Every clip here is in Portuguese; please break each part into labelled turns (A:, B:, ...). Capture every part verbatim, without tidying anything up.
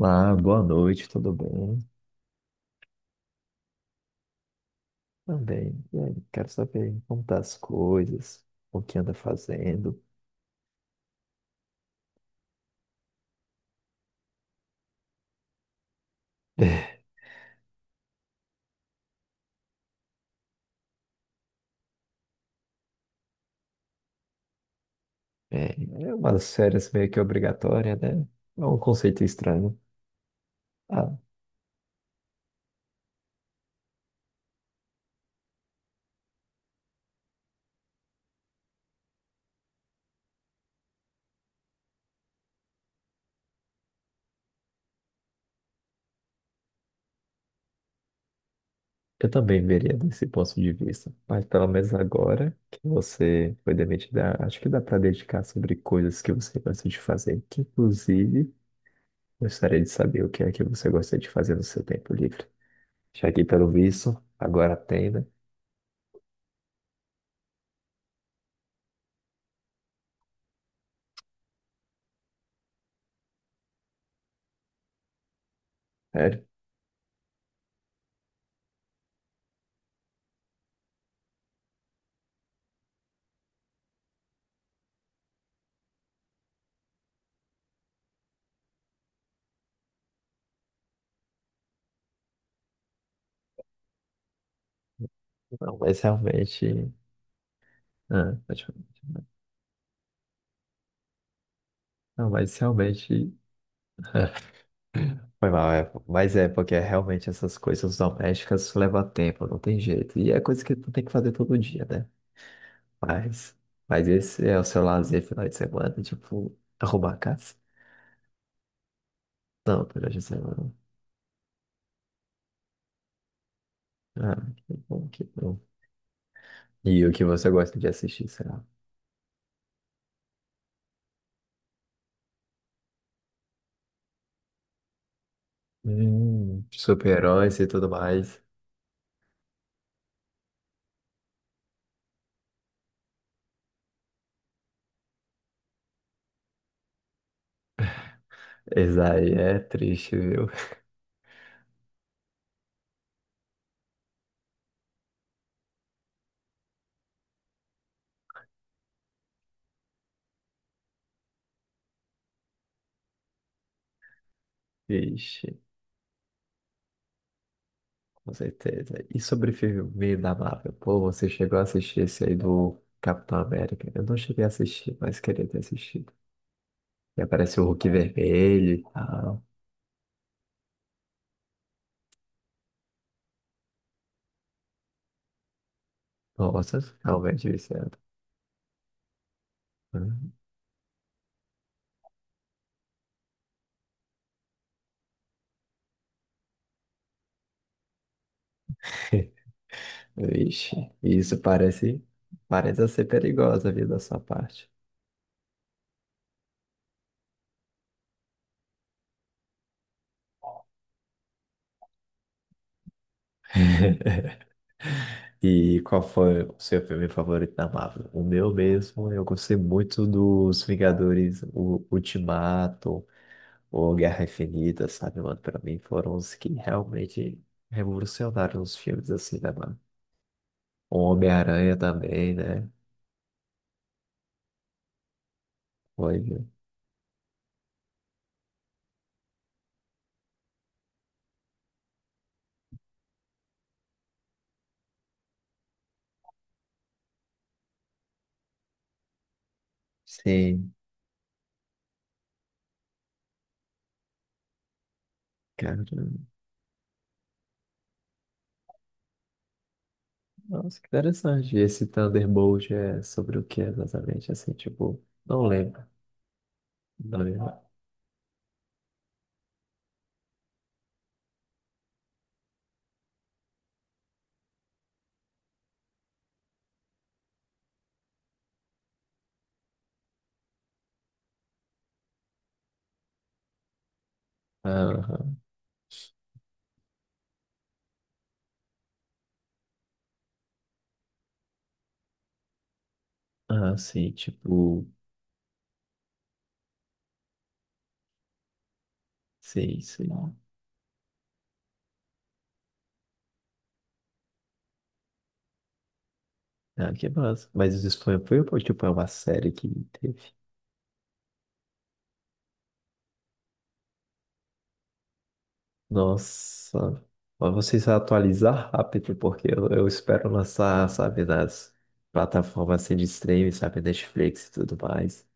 A: Ah, boa noite, tudo bem? Também. E aí, quero saber como tá as coisas, o que anda fazendo. É, é umas férias meio que obrigatória, né? É um conceito estranho. Ah, eu também veria desse ponto de vista. Mas pelo menos agora que você foi demitida, acho que dá para dedicar sobre coisas que você gosta de fazer. Que, inclusive, gostaria de saber o que é que você gosta de fazer no seu tempo livre. Já que, pelo visto, agora tem, né? Sério? Não, mas realmente. Ah, praticamente. Não, mas realmente foi mal, é. Mas é porque realmente essas coisas domésticas levam tempo, não tem jeito. E é coisa que tu tem que fazer todo dia, né? Mas, mas esse é o seu lazer final de semana, tipo, arrumar a casa? Não, durante a semana. Ah, que bom, que bom. E o que você gosta de assistir, será? Hum, super-heróis e tudo mais. Isso aí é triste, viu? Ixi. Com certeza. E sobre filme da Marvel? Pô, você chegou a assistir esse aí do Capitão América? Eu não cheguei a assistir, mas queria ter assistido. E aparece o Hulk Vermelho e tal. Nossa, realmente viciado. Hum. Vixe, isso parece, parece ser perigosa a vida da sua parte. E qual foi o seu filme favorito da Marvel? O meu mesmo, eu gostei muito dos Vingadores, o Ultimato, o Guerra Infinita, sabe, mano? Pra mim foram os que realmente revolucionaram os filmes assim, né, mano? O Homem-Aranha também, né? Foi, né? Sim, cara. Nossa, que interessante. E esse Thunderbolt é sobre o que exatamente? Assim, tipo, não lembro. Não lembro. Aham. Ah, sim, tipo, sim, sim. Ah, que massa. Mas isso foi, foi, tipo, é uma série que teve. Nossa, mas você se atualizar rápido, porque eu, eu espero lançar, sabe, nas plataformas assim, de streaming, sabe, Netflix e tudo mais.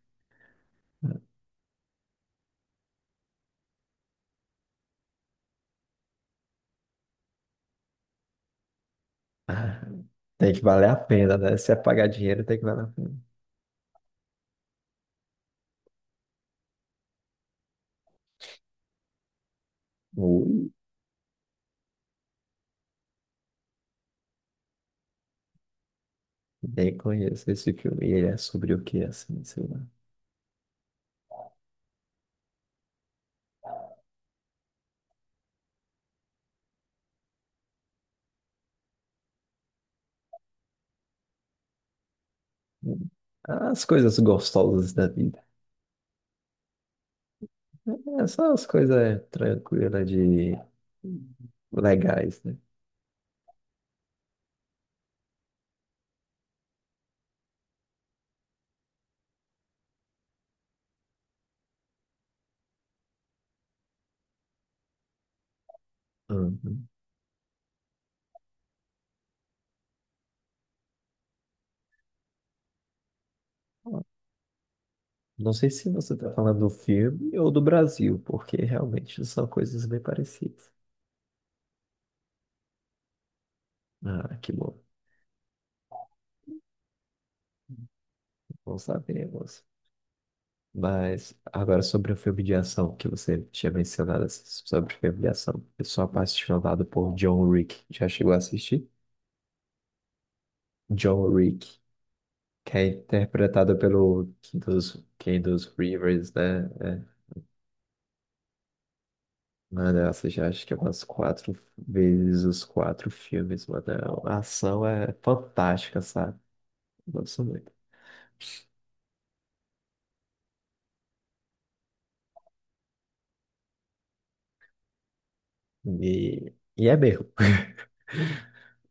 A: Ah, tem que valer a pena, né? Se é pagar dinheiro, tem que valer a pena. Ui, nem conheço esse filme. E ele é sobre o que, assim, sei lá. Hum. As coisas gostosas da vida. É só as coisas tranquilas de legais, né? Uhum. Não sei se você está falando do filme ou do Brasil, porque realmente são coisas bem parecidas. Ah, que bom. Bom saber, moça. Mas agora sobre o filme de ação que você tinha mencionado assim, sobre o filme de ação. Eu sou apaixonado por John Wick. Já chegou a assistir? John Wick, que é interpretado pelo Kendall Kendall Rivers, né? É. Mano, eu assisti acho que umas quatro vezes os quatro filmes, mano. A ação é fantástica, sabe? Nossa, E, e é mesmo.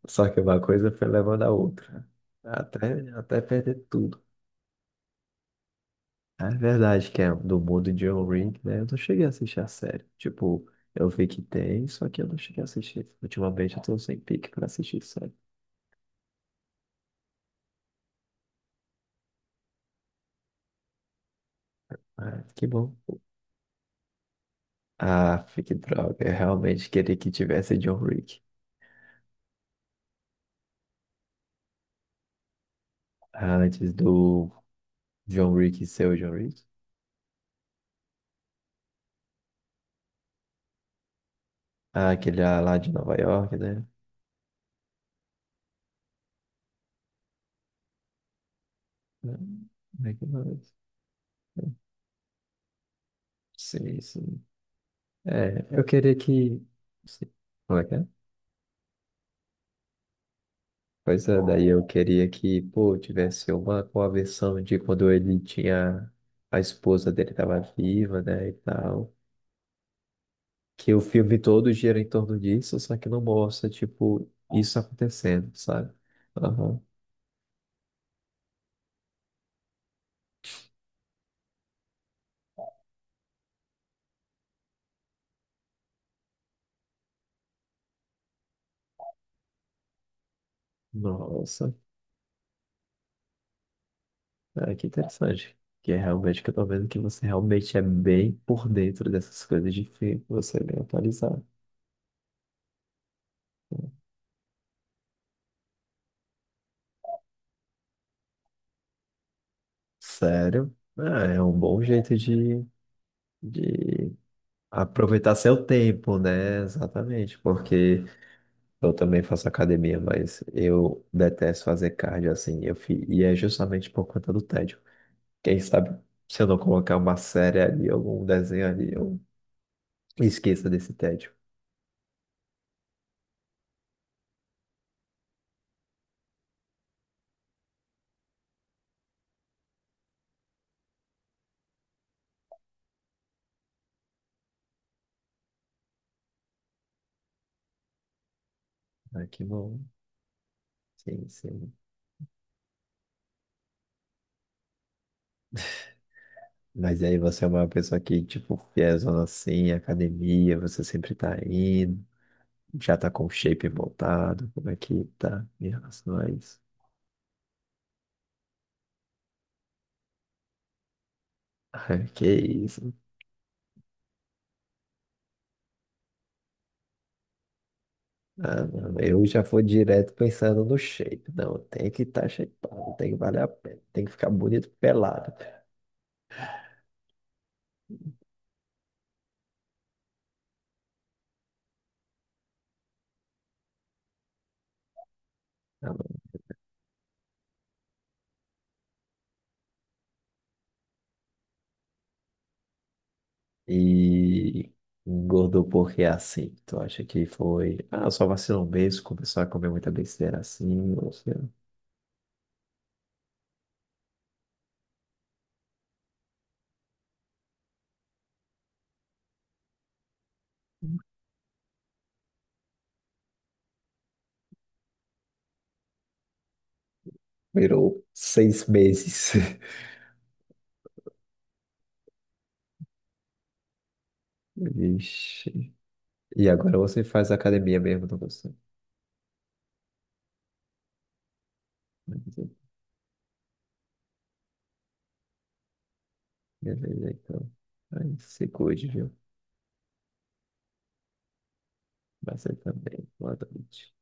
A: Só que uma coisa foi levando a outra. Até, até perder tudo. É verdade que é do mundo de John Ring, né? Eu não cheguei a assistir a série. Tipo, eu vi que tem, só que eu não cheguei a assistir. Ultimamente eu tô sem pique pra assistir série. Ah, que bom. Ah, que droga. Eu realmente queria que tivesse John Wick. Antes do John Wick ser o John Wick. Ah, aquele lá de Nova York, né? Não, não é que não é. Sim, sim. É, eu queria que. se- Como é que é? Pois é, daí eu queria que, pô, tivesse uma conversão de quando ele tinha. A esposa dele tava viva, né, e tal. Que o filme todo gira em torno disso, só que não mostra, tipo, isso acontecendo, sabe? Aham. Nossa, é, que interessante. Que é realmente que eu tô vendo que você realmente é bem por dentro dessas coisas de filme, você é bem atualizado. Sério? Ah, é um bom jeito de. De aproveitar seu tempo, né? Exatamente, porque eu também faço academia, mas eu detesto fazer cardio assim, eu fi... e é justamente por conta do tédio. Quem sabe se eu não colocar uma série ali, algum desenho ali, eu esqueça desse tédio. Ah, que bom. Sim, sim. Mas aí você é uma pessoa que, tipo, fiézona assim, academia, você sempre tá indo, já tá com o shape voltado, como é que tá em relação a isso? Que isso. Ah, não, eu já vou direto pensando no shape. Não, tem que estar tá shapeado, tem que valer a pena, tem que ficar bonito pelado. Ah, não. E engordou porque é assim. Tu acha que foi, ah, só vacilou um mês, começou a comer muita besteira assim, ou seja, virou seis meses. Vixe. E agora você faz academia mesmo, não você? Beleza, então. Aí se cuide, viu? Você também. Boa noite.